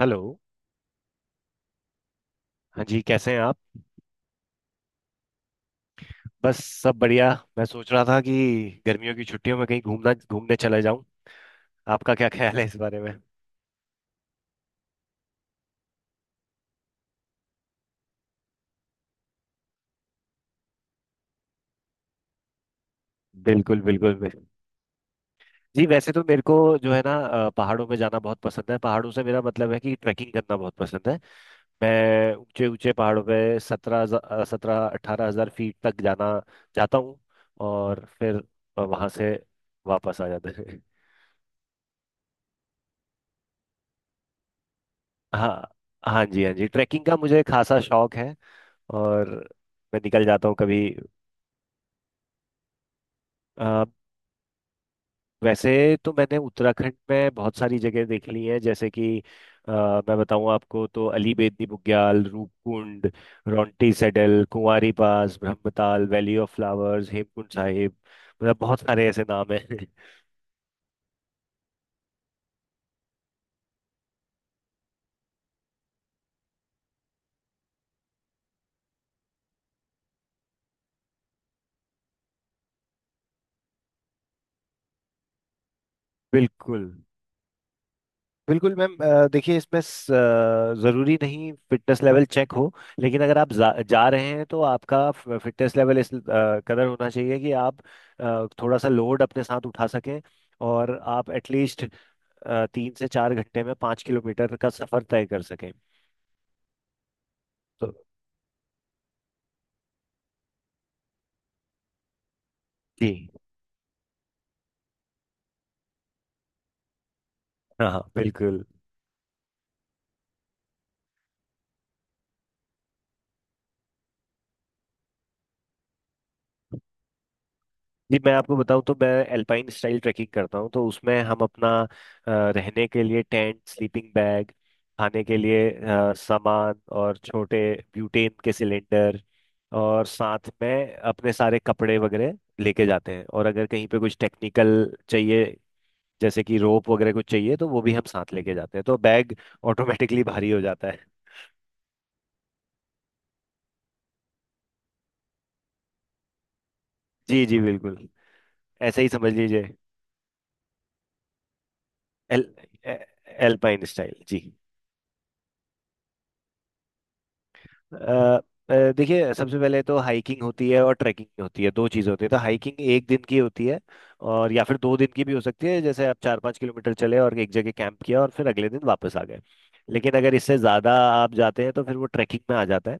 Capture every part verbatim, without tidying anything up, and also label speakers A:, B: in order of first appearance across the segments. A: Hello. हाँ जी, कैसे हैं आप? बस सब बढ़िया। मैं सोच रहा था कि गर्मियों की छुट्टियों में कहीं घूमना घूमने चला जाऊं। आपका क्या ख्याल है इस बारे में? बिल्कुल, बिल्कुल, बिल्कुल। जी, वैसे तो मेरे को जो है ना अ, पहाड़ों पे जाना बहुत पसंद है। पहाड़ों से मेरा मतलब है कि ट्रैकिंग करना बहुत पसंद है। मैं ऊंचे ऊंचे पहाड़ों पे सत्रह सत्रह अठारह हजार फीट तक जाना जाता हूँ। और फिर वहां से वापस आ जाता है। हाँ। हाँ जी, हाँ जी, ट्रैकिंग का मुझे खासा शौक है। और मैं निकल जाता हूँ कभी। अ, वैसे तो मैंने उत्तराखंड में बहुत सारी जगह देख ली है। जैसे कि अ, मैं बताऊँ आपको, तो Ali Bedni Bugyal, Roopkund, Ronti saddle, Kuari pass, Brahmatal, valley of flowers, Hemkund Sahib. मतलब बहुत सारे ऐसे नाम हैं। बिल्कुल। बिल्कुल मैम, अ, देखिए इसमें स- अ, ज़रूरी नहीं फिटनेस लेवल चेक हो। लेकिन अगर आप जा, जा रहे हैं तो आपका फिटनेस लेवल इस अ, कदर होना चाहिए कि आप अ, थोड़ा सा लोड अपने साथ उठा सकें और आप एटलीस्ट तीन से चार घंटे में पाँच किलोमीटर का सफ़र तय कर सकें। तो जी, हाँ हाँ, बिल्कुल। जी, मैं आपको बताऊं, तो मैं एल्पाइन स्टाइल ट्रैकिंग करता हूं। तो उसमें हम अपना अ, रहने के लिए टेंट, स्लीपिंग बैग, खाने के लिए अ, सामान और छोटे ब्यूटेन के सिलेंडर और साथ में अपने सारे कपड़े वगैरह लेके जाते हैं। और अगर कहीं पे कुछ टेक्निकल चाहिए, जैसे कि रोप वगैरह कुछ चाहिए, तो वो भी हम साथ लेके जाते हैं। तो बैग ऑटोमेटिकली भारी हो जाता है। जी जी बिल्कुल। ऐसे ही समझ लीजिए। एल ए- एल्पाइन स्टाइल जी। अ, अ, देखिए, सबसे पहले तो हाइकिंग होती है और ट्रैकिंग होती है, दो चीज़ होती है। तो हाइकिंग एक दिन की होती है, और या फिर दो दिन की भी हो सकती है। जैसे आप चार पाँच किलोमीटर चले और एक जगह कैंप किया और फिर अगले दिन वापस आ गए। लेकिन अगर इससे ज़्यादा आप जाते हैं तो फिर वो ट्रैकिंग में आ जाता है।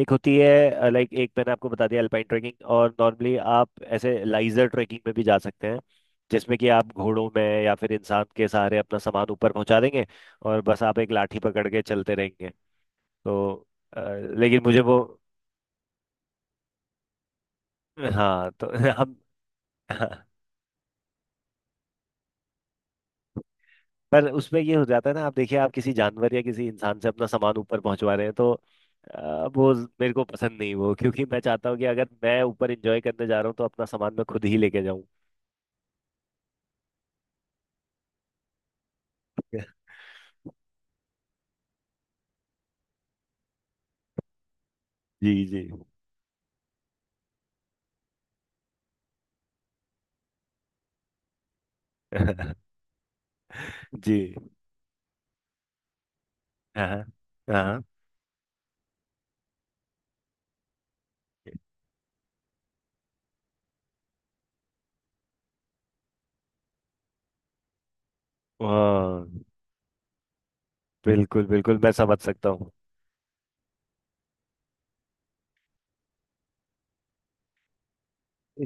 A: एक होती है, लाइक एक मैंने आपको बता दिया, अल्पाइन ट्रैकिंग। और नॉर्मली आप ऐसे लाइजर ट्रैकिंग में भी जा सकते हैं, जिसमें कि आप घोड़ों में या फिर इंसान के सहारे अपना सामान ऊपर पहुंचा देंगे और बस आप एक लाठी पकड़ के चलते रहेंगे। तो अ, लेकिन मुझे वो। हाँ तो हम। हाँ, पर उसमें ये हो जाता है ना। आप देखिए, आप किसी जानवर या किसी इंसान से अपना सामान ऊपर पहुंचवा रहे हैं, तो अ, वो मेरे को पसंद नहीं वो, क्योंकि मैं चाहता हूँ कि अगर मैं ऊपर एंजॉय करने जा रहा हूँ तो अपना सामान मैं खुद ही लेके जाऊँ। जी जी। जी। हाँ हाँ हाँ। हाँ, बिल्कुल बिल्कुल, मैं समझ सकता हूँ।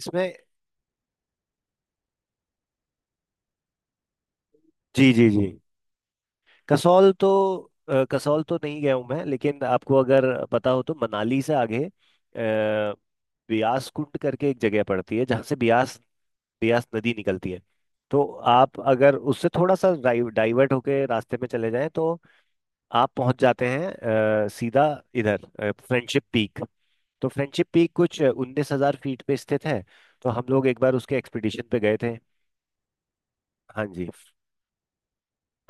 A: इसमें जी जी जी, कसौल तो अ, कसौल तो नहीं गया हूँ मैं, लेकिन आपको अगर पता हो, तो मनाली से आगे अ, ब्यास कुंड करके एक जगह पड़ती है जहाँ से ब्यास ब्यास नदी निकलती है। तो आप अगर उससे थोड़ा सा डाइव, डाइवर्ट होके रास्ते में चले जाएं, तो आप पहुंच जाते हैं अ, सीधा इधर फ्रेंडशिप पीक। तो फ्रेंडशिप पीक कुछ उन्नीस हजार फीट पे स्थित है। तो हम लोग एक बार उसके एक्सपीडिशन पे गए थे। हाँ जी।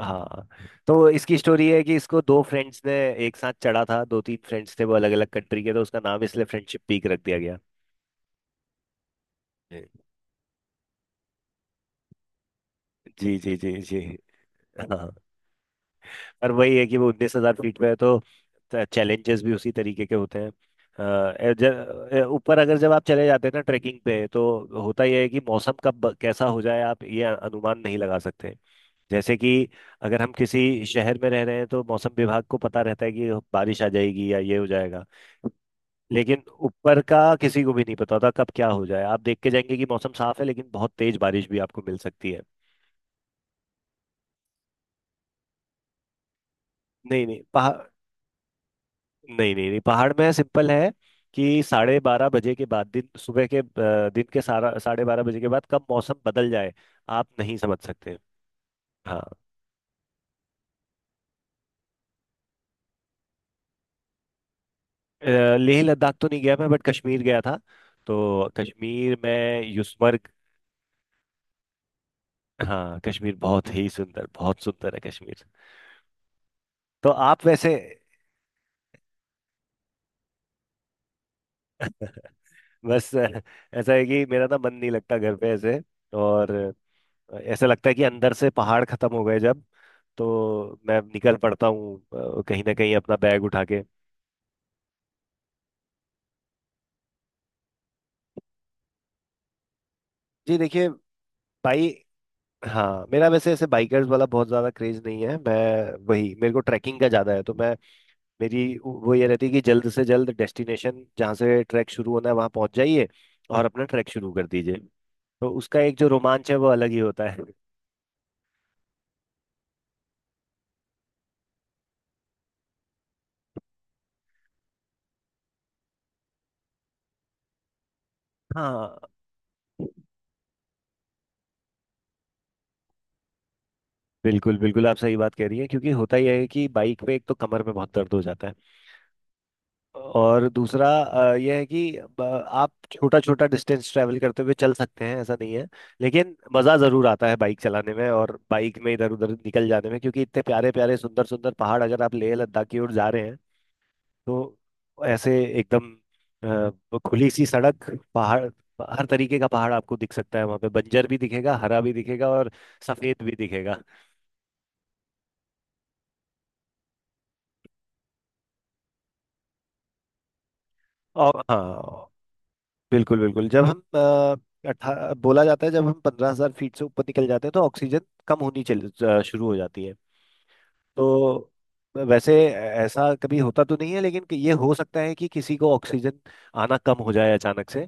A: हाँ, तो इसकी स्टोरी है कि इसको दो फ्रेंड्स ने एक साथ चढ़ा था। दो तीन फ्रेंड्स थे वो, अलग अलग कंट्री के, तो उसका नाम इसलिए फ्रेंडशिप पीक रख दिया गया। जी जी जी जी। हाँ, और वही है कि वो उन्नीस हजार फीट पे है, तो चैलेंजेस भी उसी तरीके के होते हैं। अ, ए, ज- ए, ऊपर अगर जब आप चले जाते हैं ना ट्रैकिंग पे, तो होता यह है कि मौसम कब कैसा हो जाए, आप ये अनुमान नहीं लगा सकते। जैसे कि अगर हम किसी शहर में रह रहे हैं तो मौसम विभाग को पता रहता है कि बारिश आ जाएगी या ये हो जाएगा। लेकिन ऊपर का किसी को भी नहीं पता था कब क्या हो जाए। आप देख के जाएंगे कि मौसम साफ है, लेकिन बहुत तेज बारिश भी आपको मिल सकती है। नहीं नहीं, पहाड़, नहीं नहीं नहीं, पहाड़ में सिंपल है कि साढ़े बारह बजे के बाद, दिन सुबह के अ, दिन के सारा साढ़े बारह बजे के बाद कब मौसम बदल जाए, आप नहीं समझ सकते। हाँ। अ, लेह लद्दाख तो नहीं गया मैं, बट कश्मीर गया था। तो कश्मीर में युस्मर्ग। हाँ, कश्मीर बहुत ही सुंदर, बहुत सुंदर है कश्मीर। तो आप वैसे। बस अ, ऐसा है कि मेरा ना मन नहीं लगता घर पे ऐसे। और अ, ऐसा लगता है कि अंदर से पहाड़ खत्म हो गए जब, तो मैं निकल पड़ता हूँ अ, कहीं ना कहीं अपना बैग उठा के। जी देखिए, भाई, हाँ मेरा वैसे ऐसे बाइकर्स वाला बहुत ज्यादा क्रेज नहीं है। मैं वही, मेरे को ट्रैकिंग का ज्यादा है, तो मैं, मेरी वो ये रहती है कि जल्द से जल्द डेस्टिनेशन जहाँ से ट्रैक शुरू होना है वहाँ पहुंच जाइए और अपना ट्रैक शुरू कर दीजिए। तो उसका एक जो रोमांच है वो अलग ही होता है। हाँ, बिल्कुल बिल्कुल, आप सही बात कह रही हैं। क्योंकि होता ही है कि बाइक पे एक तो कमर में बहुत दर्द हो जाता है। और दूसरा अ, यह है कि ब- आप छोटा छोटा डिस्टेंस ट्रैवल करते हुए चल सकते हैं, ऐसा नहीं है। लेकिन मज़ा ज़रूर आता है बाइक चलाने में और बाइक में इधर उधर निकल जाने में, क्योंकि इतने प्यारे प्यारे सुंदर सुंदर पहाड़, अगर आप लेह लद्दाख की ओर जा रहे हैं तो ऐसे एकदम अ, खुली सी सड़क, पहाड़, हर तरीके का पहाड़ आपको दिख सकता है। वहाँ पे बंजर भी दिखेगा, हरा भी दिखेगा, और सफ़ेद भी दिखेगा। और हाँ, बिल्कुल बिल्कुल, जब हम अठारह बोला जाता है, जब हम पंद्रह हजार फीट से ऊपर निकल जाते हैं तो ऑक्सीजन कम होनी चल जा- शुरू हो जाती है। तो वैसे ऐसा कभी होता तो नहीं है, लेकिन कि ये हो सकता है कि किसी को ऑक्सीजन आना कम हो जाए अचानक से।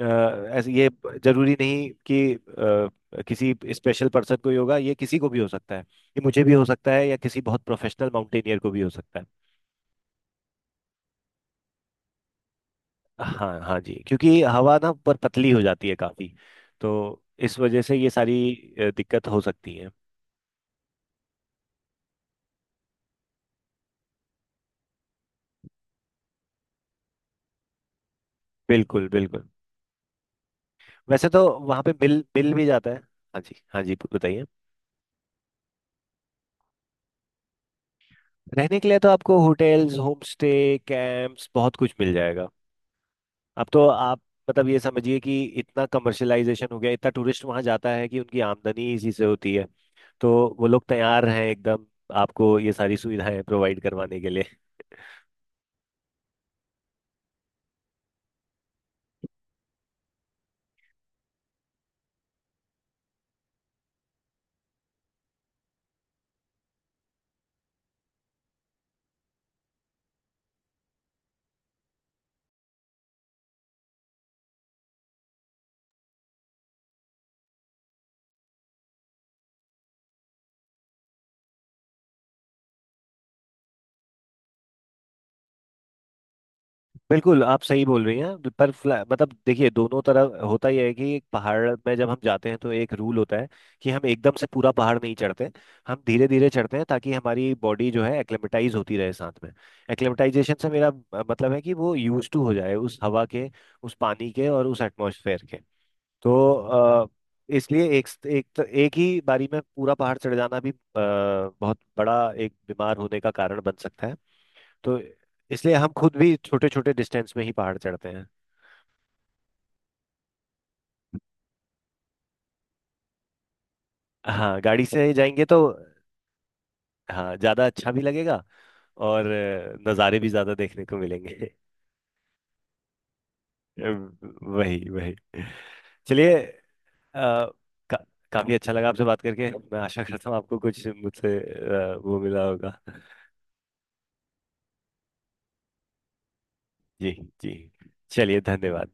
A: अ, ऐसे ये, जरूरी नहीं कि अ, किसी स्पेशल पर्सन को ही होगा ये, किसी को भी हो सकता है, ये मुझे भी हो सकता है या किसी बहुत प्रोफेशनल माउंटेनियर को भी हो सकता है। हाँ हाँ जी, क्योंकि हवा ना पर पतली हो जाती है काफी। तो इस वजह से ये सारी अ, दिक्कत हो सकती है। बिल्कुल बिल्कुल। वैसे तो वहाँ पे बिल बिल भी जाता है। हाँ जी, हाँ जी, बताइए। रहने के लिए तो आपको होटल्स, होम स्टे, कैंप्स बहुत कुछ मिल जाएगा। अब तो आप, मतलब ये समझिए कि इतना कमर्शलाइजेशन हो गया, इतना टूरिस्ट वहाँ जाता है कि उनकी आमदनी इसी से होती है। तो वो लोग तैयार हैं एकदम आपको ये सारी सुविधाएं प्रोवाइड करवाने के लिए। बिल्कुल, आप सही बोल रही हैं। पर फ्ला- मतलब देखिए, दोनों तरफ होता यह है कि एक पहाड़ में जब हम जाते हैं तो एक रूल होता है कि हम एकदम से पूरा पहाड़ नहीं चढ़ते। हम धीरे धीरे चढ़ते हैं ताकि हमारी बॉडी जो है एक्लेमेटाइज होती रहे साथ में। एक्लेमेटाइजेशन से मेरा अ, मतलब है कि वो यूज टू हो जाए उस हवा के, उस पानी के और उस एटमॉस्फेयर के। तो अ, इसलिए एक एक एक ही बारी में पूरा पहाड़ चढ़ जाना भी अ, बहुत बड़ा एक बीमार होने का कारण बन सकता है। तो इसलिए हम खुद भी छोटे छोटे डिस्टेंस में ही पहाड़ चढ़ते हैं। हाँ, गाड़ी से जाएंगे तो हाँ, ज्यादा अच्छा भी लगेगा और अ, नज़ारे भी ज्यादा देखने को मिलेंगे। वही वही। चलिए अ, का, काफी अच्छा लगा आपसे बात करके। मैं आशा करता हूँ आपको कुछ मुझसे अ, वो मिला होगा। जी। जी, चलिए, धन्यवाद।